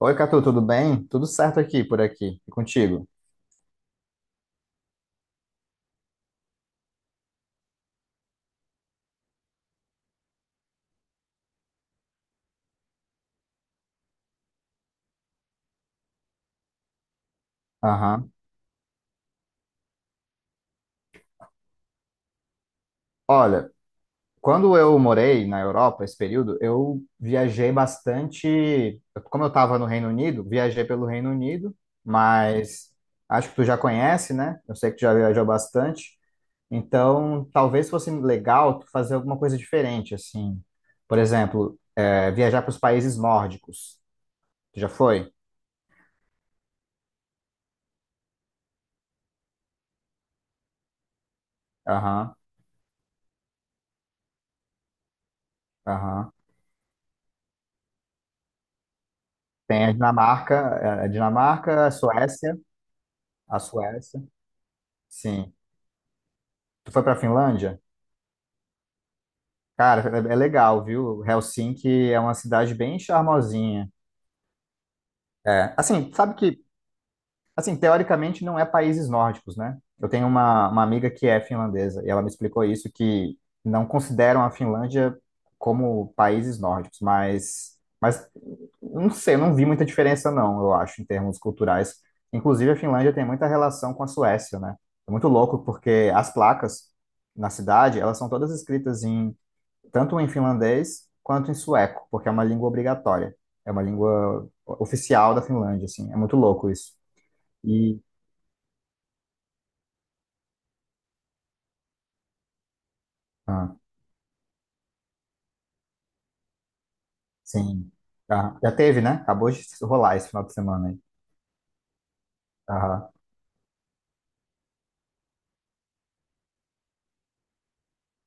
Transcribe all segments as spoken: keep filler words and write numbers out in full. Oi, Catu, tudo bem? Tudo certo aqui, por aqui, e contigo? Aham. Olha, quando eu morei na Europa, esse período, eu viajei bastante. Como eu estava no Reino Unido, viajei pelo Reino Unido, mas acho que tu já conhece, né? Eu sei que tu já viajou bastante. Então, talvez fosse legal tu fazer alguma coisa diferente, assim. Por exemplo, é, viajar para os países nórdicos. Tu já foi? Aham, aham. Tem a Dinamarca, é, a Dinamarca, a Suécia. A Suécia, sim. Tu foi pra Finlândia? Cara, é, é legal, viu? Helsinki é uma cidade bem charmosinha. É, assim, sabe que Assim, teoricamente não é países nórdicos, né? Eu tenho uma, uma amiga que é finlandesa e ela me explicou isso, que não consideram a Finlândia como países nórdicos, mas, mas não sei, eu não vi muita diferença não, eu acho, em termos culturais. Inclusive, a Finlândia tem muita relação com a Suécia, né? É muito louco porque as placas na cidade, elas são todas escritas em tanto em finlandês quanto em sueco, porque é uma língua obrigatória. É uma língua oficial da Finlândia, assim. É muito louco isso. E Ah, sim. Ah, já teve, né? Acabou de rolar esse final de semana aí. Aham,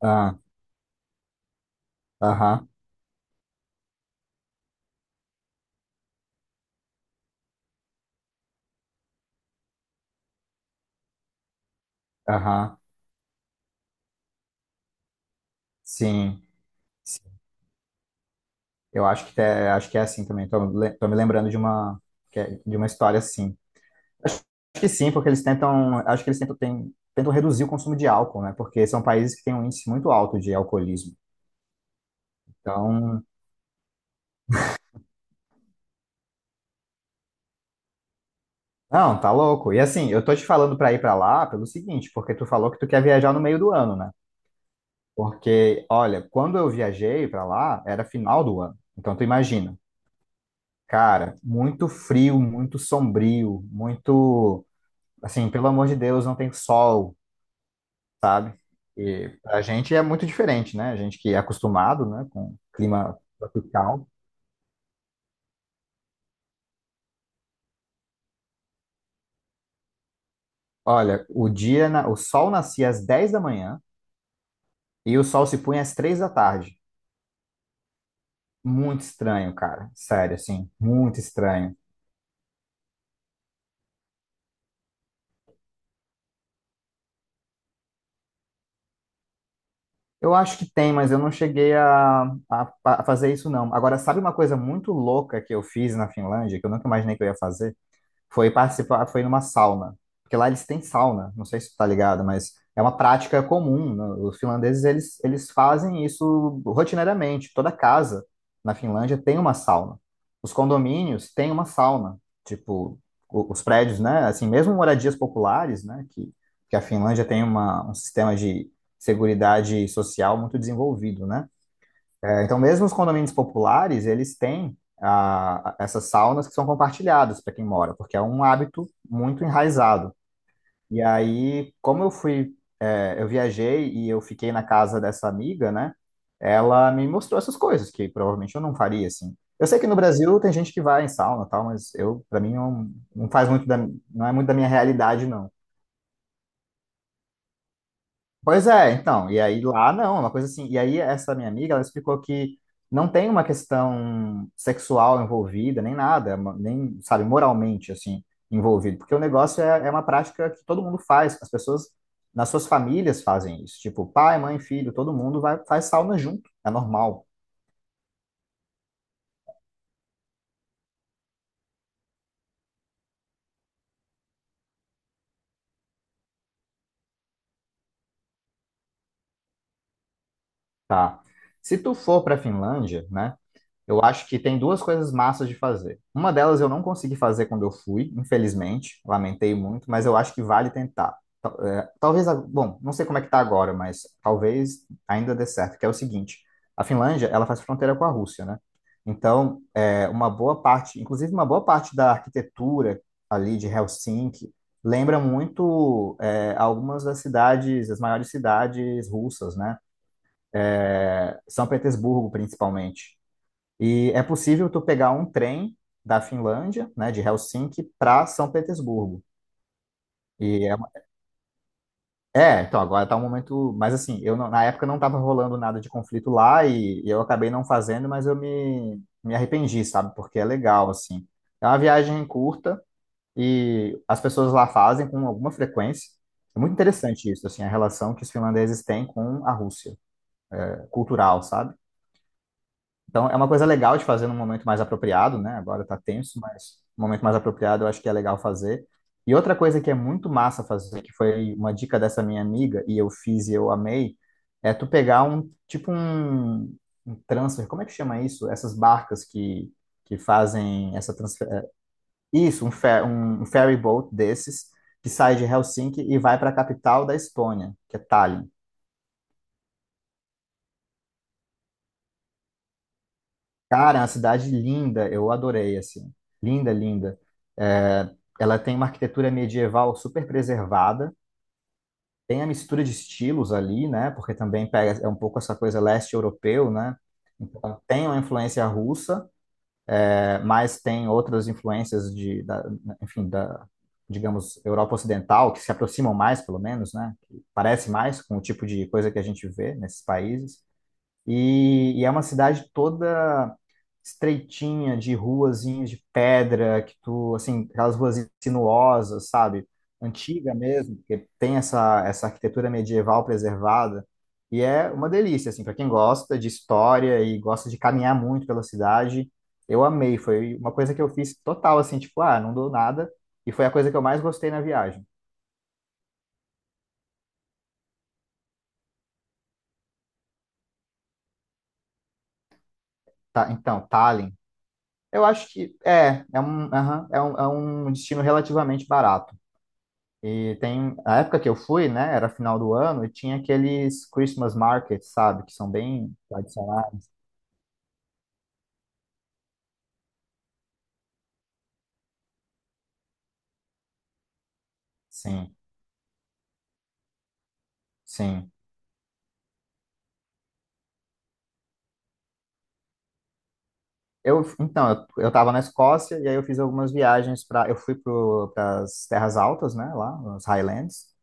ah, aham, aham. Sim, sim. Eu acho que, é, acho que é assim também. Tô, le- tô me lembrando de uma, que é- de uma história assim. Acho que sim, porque eles tentam, acho que eles tentam, tem- tentam reduzir o consumo de álcool, né? Porque são países que têm um índice muito alto de alcoolismo. Então, não, tá louco. E assim, eu tô te falando pra ir pra lá pelo seguinte, porque tu falou que tu quer viajar no meio do ano, né? Porque, olha, quando eu viajei para lá, era final do ano. Então, tu imagina, cara, muito frio, muito sombrio, muito, assim, pelo amor de Deus, não tem sol, sabe? E pra gente é muito diferente, né? A gente que é acostumado, né, com clima tropical. Olha, o dia, na- o sol nascia às dez da manhã e o sol se punha às três da tarde. Muito estranho, cara. Sério, assim, muito estranho. Eu acho que tem, mas eu não cheguei a, a, a fazer isso, não. Agora, sabe uma coisa muito louca que eu fiz na Finlândia, que eu nunca imaginei que eu ia fazer? Foi participar, foi numa sauna. Porque lá eles têm sauna, não sei se tu tá ligado, mas é uma prática comum. Né? Os finlandeses, eles, eles fazem isso rotineiramente. Toda casa na Finlândia tem uma sauna. Os condomínios têm uma sauna. Tipo, o- os prédios, né? Assim, mesmo moradias populares, né? Que, que a Finlândia tem uma, um sistema de seguridade social muito desenvolvido, né? É, então, mesmo os condomínios populares, eles têm ah, essas saunas que são compartilhadas para quem mora, porque é um hábito muito enraizado. E aí, como eu fui, é, eu viajei e eu fiquei na casa dessa amiga, né? Ela me mostrou essas coisas que provavelmente eu não faria assim. Eu sei que no Brasil tem gente que vai em sauna, e tal, mas eu, para mim, não, não faz muito da, não é muito da minha realidade, não. Pois é, então, e aí lá não, é uma coisa assim. E aí essa minha amiga, ela explicou que não tem uma questão sexual envolvida, nem nada, ma- nem, sabe, moralmente, assim, envolvido. Porque o negócio é, é uma prática que todo mundo faz, as pessoas nas suas famílias fazem isso. Tipo, pai, mãe, filho, todo mundo vai, faz sauna junto, é normal, tá? Se tu for pra Finlândia, né, eu acho que tem duas coisas massas de fazer. Uma delas eu não consegui fazer quando eu fui, infelizmente, lamentei muito, mas eu acho que vale tentar. Talvez, a- bom, não sei como é que tá agora, mas talvez ainda dê certo, que é o seguinte, a Finlândia, ela faz fronteira com a Rússia, né? Então, é, uma boa parte, inclusive uma boa parte da arquitetura ali de Helsinki lembra muito é, algumas das cidades, as maiores cidades russas, né? É, São Petersburgo, principalmente. E é possível tu pegar um trem da Finlândia, né, de Helsinki, para São Petersburgo. E É, então agora tá um momento, mas assim, eu não- na época não tava rolando nada de conflito lá e, e eu acabei não fazendo, mas eu me, me arrependi, sabe? Porque é legal, assim. É uma viagem curta e as pessoas lá fazem com alguma frequência. É muito interessante isso, assim, a relação que os finlandeses têm com a Rússia, é, cultural, sabe? Então, é uma coisa legal de fazer num momento mais apropriado, né? Agora tá tenso, mas num momento mais apropriado eu acho que é legal fazer. E outra coisa que é muito massa fazer, que foi uma dica dessa minha amiga, e eu fiz e eu amei, é tu pegar um, tipo um, um transfer, como é que chama isso? Essas barcas que, que fazem essa transfer... é, Isso, um, fer, um, um ferry boat desses, que sai de Helsinki e vai para a capital da Estônia, que é Tallinn. Cara, é uma cidade linda, eu adorei, assim. Linda, linda. É, ela tem uma arquitetura medieval super preservada, tem a mistura de estilos ali, né? Porque também pega, é um pouco essa coisa leste europeu, né? Então, tem uma influência russa, é, mas tem outras influências de, da, enfim, da, digamos, Europa Ocidental, que se aproximam mais, pelo menos, né? Que parece mais com o tipo de coisa que a gente vê nesses países. E, e é uma cidade toda estreitinha, de ruazinhas de pedra, que tu, assim, aquelas ruas sinuosas, sabe? Antiga mesmo, porque tem essa, essa arquitetura medieval preservada. E é uma delícia, assim, para quem gosta de história e gosta de caminhar muito pela cidade, eu amei. Foi uma coisa que eu fiz total, assim, tipo, ah, não dou nada. E foi a coisa que eu mais gostei na viagem. Tá, então, Tallinn. Eu acho que é, é um, aham, é um, é um destino relativamente barato. E tem, a época que eu fui, né, era final do ano, e tinha aqueles Christmas markets, sabe, que são bem tradicionais. Sim, sim. Eu, então, eu, eu tava na Escócia e aí eu fiz algumas viagens para, eu fui para as Terras Altas, né, lá, nos Highlands,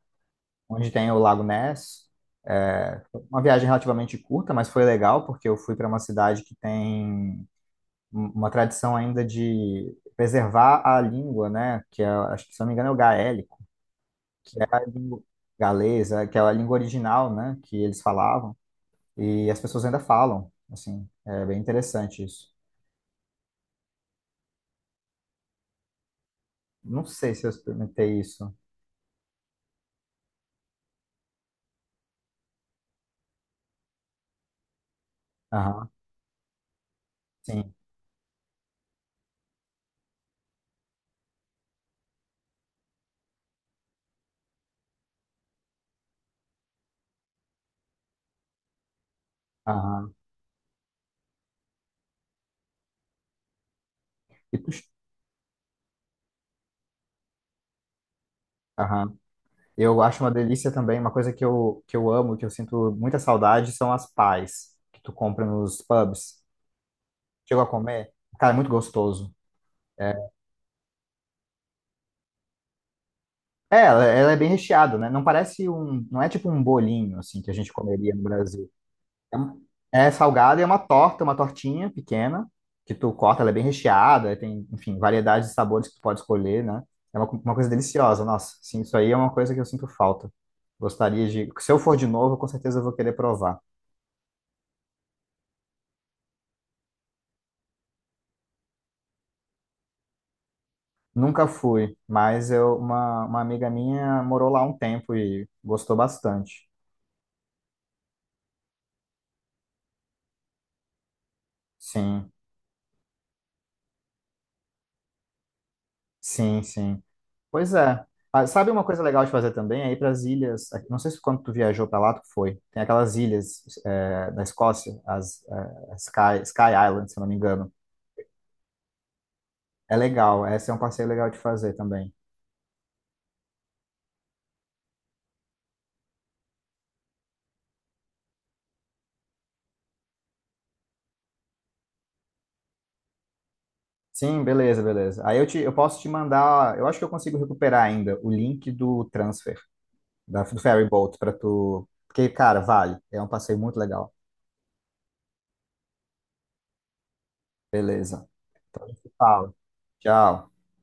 onde tem o Lago Ness. É, foi uma viagem relativamente curta, mas foi legal porque eu fui para uma cidade que tem um- uma tradição ainda de preservar a língua, né, que é, acho que se eu não me engano é o gaélico que é a língua galesa, que é a língua original, né, que eles falavam, e as pessoas ainda falam, assim, é bem interessante isso. Não sei se eu experimentei isso. Aham, sim, aham. E tu- aham. Eu acho uma delícia também, uma coisa que eu, que eu, amo, que eu sinto muita saudade, são as pies que tu compra nos pubs. Chegou a comer? Cara, é muito gostoso. É, é, ela, ela é bem recheada, né? Não parece um, não é tipo um bolinho assim que a gente comeria no Brasil. É um- É salgada e é uma torta, uma tortinha pequena, que tu corta, ela é bem recheada, tem, enfim, variedade de sabores que tu pode escolher, né? É uma, co- uma coisa deliciosa, nossa. Sim, isso aí é uma coisa que eu sinto falta. Gostaria de. Se eu for de novo, com certeza eu vou querer provar. Nunca fui, mas eu, uma, uma amiga minha morou lá um tempo e gostou bastante. Sim, sim, sim. Pois é. Ah, sabe uma coisa legal de fazer também? É ir para as ilhas. é, Não sei se quando tu viajou para lá, tu foi. Tem aquelas ilhas é, da Escócia, as é, Sky, Sky Island, se eu não me engano. É legal. Esse é um passeio legal de fazer também. Sim, beleza, beleza. Aí eu, te, eu posso te mandar. Eu acho que eu consigo recuperar ainda o link do transfer, da, do ferry boat, para tu. Porque, cara, vale. É um passeio muito legal. Beleza. Então, a gente se fala. Tchau.